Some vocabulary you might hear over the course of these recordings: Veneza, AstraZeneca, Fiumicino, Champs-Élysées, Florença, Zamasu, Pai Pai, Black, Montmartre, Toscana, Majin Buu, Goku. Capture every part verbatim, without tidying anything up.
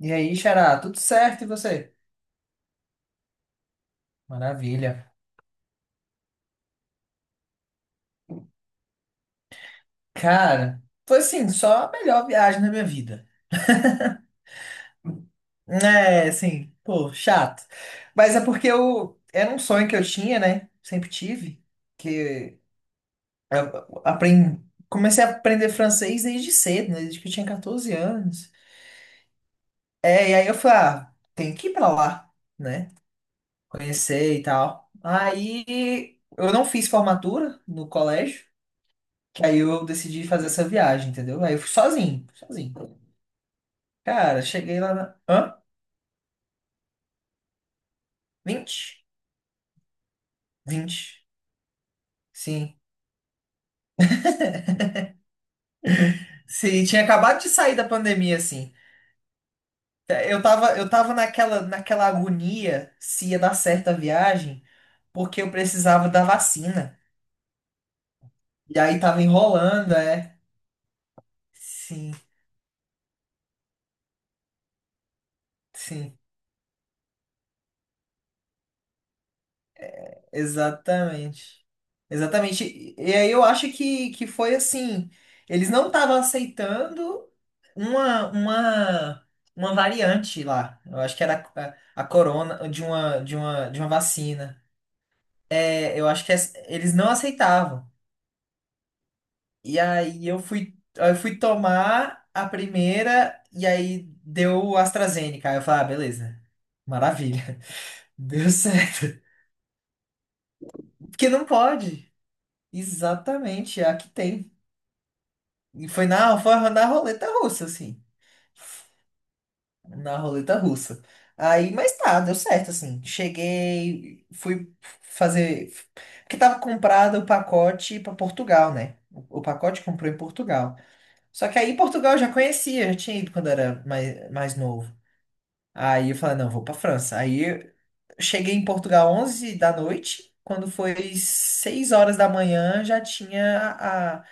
E aí, Xará, tudo certo e você? Maravilha. Cara, foi assim, só a melhor viagem da minha vida. É, assim, pô, chato. Mas é porque eu era um sonho que eu tinha, né? Sempre tive, que eu aprendi, comecei a aprender francês desde cedo, né? Desde que eu tinha quatorze anos. É, e aí eu falei, ah, tem que ir pra lá, né? Conhecer e tal. Aí eu não fiz formatura no colégio. Que aí eu decidi fazer essa viagem, entendeu? Aí eu fui sozinho, sozinho. Cara, cheguei lá na. Hã? Vinte, 20. Sim. Sim, tinha acabado de sair da pandemia, assim. Eu tava, eu tava naquela, naquela agonia se ia dar certo a viagem, porque eu precisava da vacina. E aí tava enrolando, é. Sim, sim. Exatamente. Exatamente. E e aí eu acho que, que foi assim, eles não estavam aceitando uma, uma, uma variante lá. Eu acho que era a, a corona de uma, de uma, de uma vacina. É, eu acho que es- eles não aceitavam. E aí eu fui, eu fui tomar a primeira e aí deu o AstraZeneca. Aí eu falei, ah, beleza. Maravilha. Deu certo. Porque não pode. Exatamente, é a que tem. E foi na, foi na roleta russa, assim. Na roleta russa. Aí, mas tá, deu certo, assim. Cheguei, fui fazer. Porque tava comprado o pacote pra Portugal, né? O o pacote comprou em Portugal. Só que aí Portugal eu já conhecia, já tinha ido quando era mais, mais novo. Aí eu falei, não, vou pra França. Aí eu cheguei em Portugal onze da noite. Quando foi seis horas da manhã, já tinha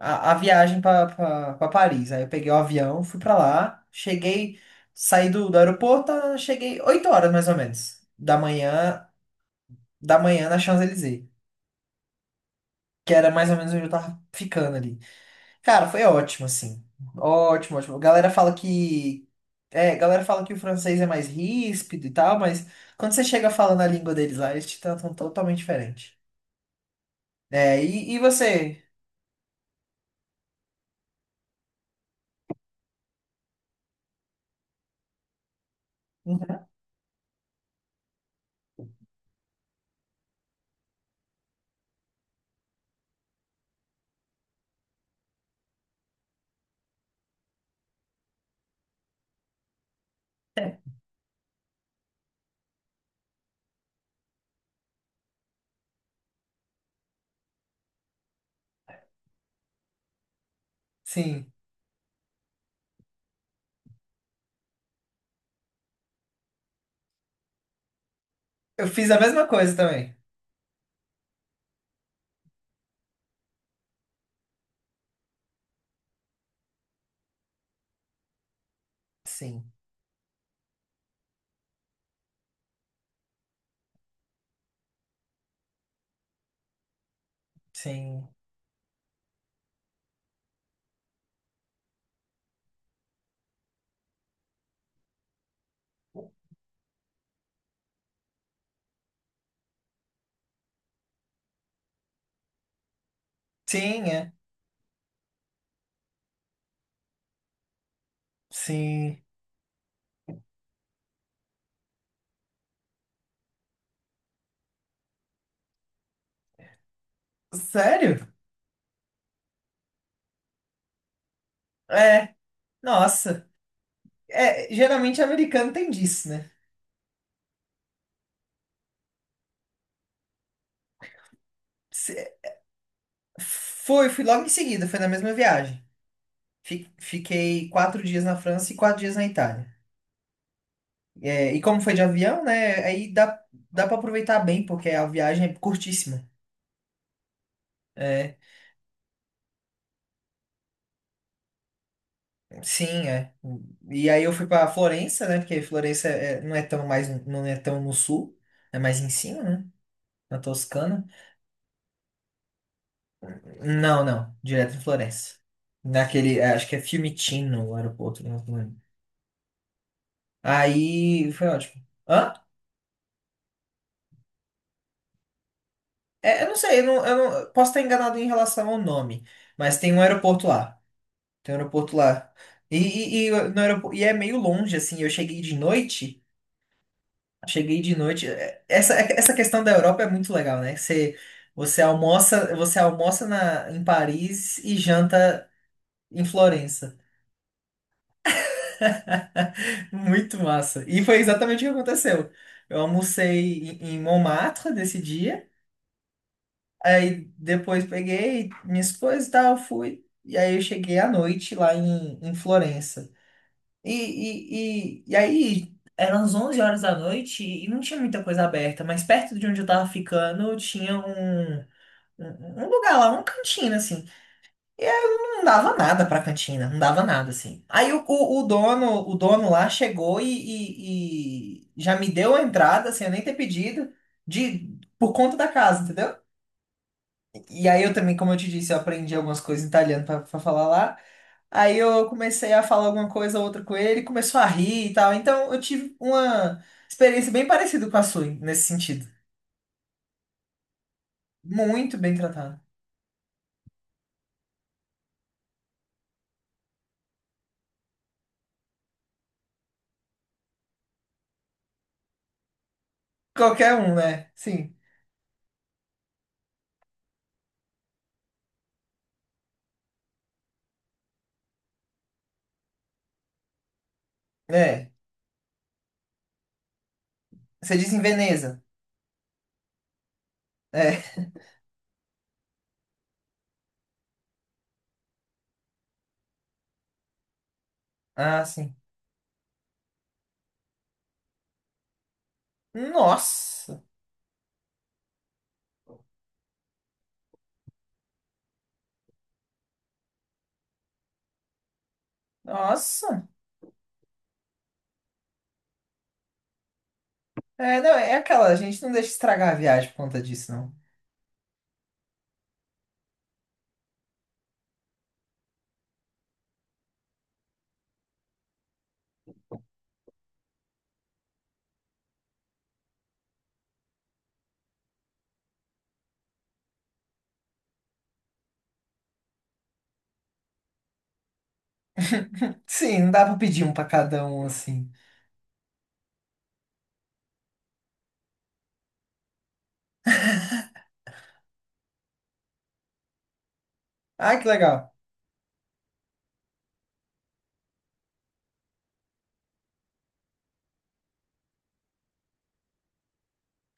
a, a viagem para Paris. Aí eu peguei o avião, fui para lá, cheguei, saí do, do aeroporto, ah, cheguei oito horas mais ou menos da manhã, da manhã na Champs-Élysées, que era mais ou menos onde eu tava ficando ali. Cara, foi ótimo assim. Ótimo, ótimo. Galera fala que é, galera fala que o francês é mais ríspido e tal, mas quando você chega falando a língua deles lá, eles te tratam totalmente diferente. É, e, e você? Sim. Eu fiz a mesma coisa também. Sim, sim. Sim, é. Sim. Sério? É, nossa. É, geralmente americano tem disso, né? Se- Foi, fui logo em seguida, foi na mesma viagem. Fi- Fiquei quatro dias na França e quatro dias na Itália. É, e como foi de avião, né? Aí dá, dá para aproveitar bem, porque a viagem é curtíssima. É, sim, é. E aí eu fui para Florença, né? Porque Florença é- é, não é tão mais, não é tão no sul, é mais em cima, né? Na Toscana. Não, não. Direto em Florença. Naquele, é, acho que é Fiumicino o aeroporto, não lembro. Aí foi ótimo. Hã? É, eu não sei, eu não, eu não- eu posso estar enganado em relação ao nome, mas tem um aeroporto lá. Tem um aeroporto lá. E, e, e no aeroporto, e é meio longe, assim. Eu cheguei de noite. Cheguei de noite. é- Essa, é, essa questão da Europa é muito legal, né? Você, você almoça, você almoça na, em Paris e janta em Florença. Muito massa. E foi exatamente o que aconteceu. Eu almocei em em Montmartre nesse dia, aí depois peguei minhas coisas e tal, fui. E aí eu cheguei à noite lá em, em Florença. E, e, e, e aí eram as onze horas da noite e não tinha muita coisa aberta, mas perto de onde eu tava ficando tinha um, um, um lugar lá, um cantinho assim, e eu não dava nada pra cantina, não dava nada, assim. Aí o, o, o dono, o dono lá chegou e, e- e já me deu a entrada, sem eu nem ter pedido, de, por conta da casa, entendeu? E aí eu também, como eu te disse, eu aprendi algumas coisas em italiano pra, pra falar lá. Aí eu comecei a falar alguma coisa ou outra com ele, começou a rir e tal. Então eu tive uma experiência bem parecida com a sua, nesse sentido. Muito bem tratado. Qualquer um, né? Sim. É. Você diz em Veneza. É. Ah, sim. Nossa, nossa. É, não, é aquela, a gente não deixa estragar a viagem por conta disso, não. Sim, não dá pra pedir um pra cada um, assim. Ah, que legal.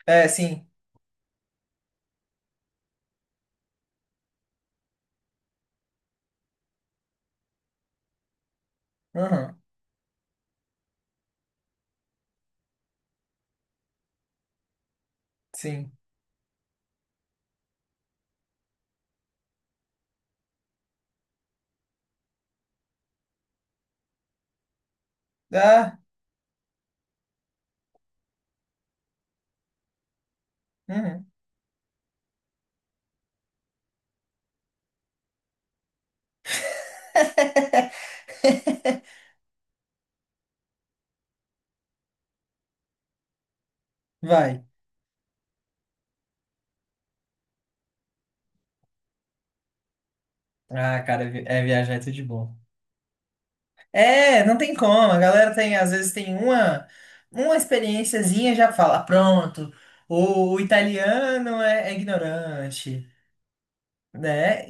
É, sim. Uhum, sim. Ah, uhum. Vai. Ah, cara, vi- é viajar é tudo de bom. É, não tem como. A galera tem, às vezes, tem uma, uma experiênciazinha e já fala, pronto, o, o italiano é, é ignorante, né?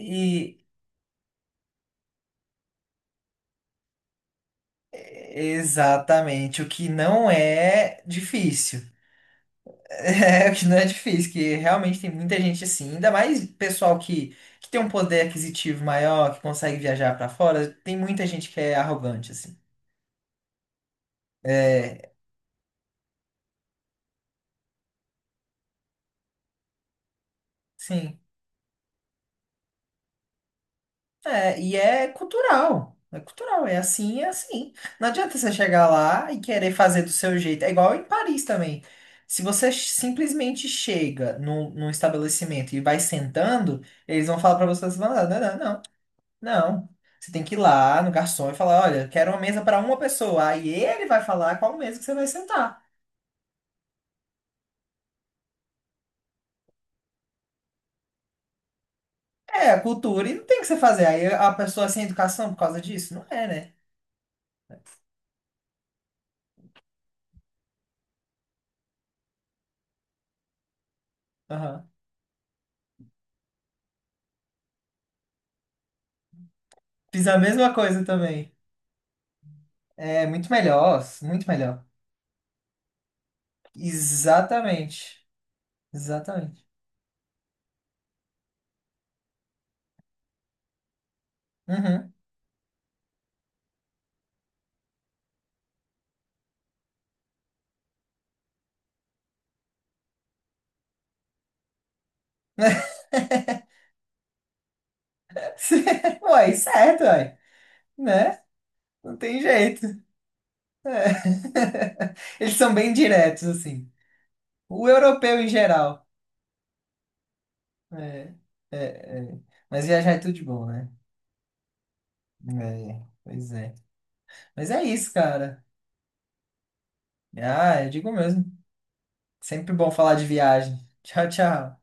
Exatamente, o que não é difícil. É, o que não é difícil, que realmente tem muita gente assim, ainda mais pessoal que, que tem um poder aquisitivo maior, que consegue viajar pra fora, tem muita gente que é arrogante, assim. É, sim. É, e é cultural. É cultural, é assim, é assim. Não adianta você chegar lá e querer fazer do seu jeito. É igual em Paris também. Se você ch- simplesmente chega num, num estabelecimento e vai sentando, eles vão falar pra você, você fala, não, não, não. Não. Você tem que ir lá no garçom e falar, olha, quero uma mesa para uma pessoa. Aí ele vai falar qual mesa que você vai sentar. É, a cultura e não tem o que você fazer. Aí a pessoa sem educação por causa disso? Não é, né? Aham. Fiz a mesma coisa também. É muito melhor, muito melhor. Exatamente. Exatamente. Uhum. Uai, certo, uai. Né? Não tem jeito. Eles são bem diretos, assim. O europeu em geral. É, é, é. Mas viajar é tudo de bom, né? É, pois é. Mas é isso, cara. Ah, eu digo mesmo. Sempre bom falar de viagem. Tchau, tchau.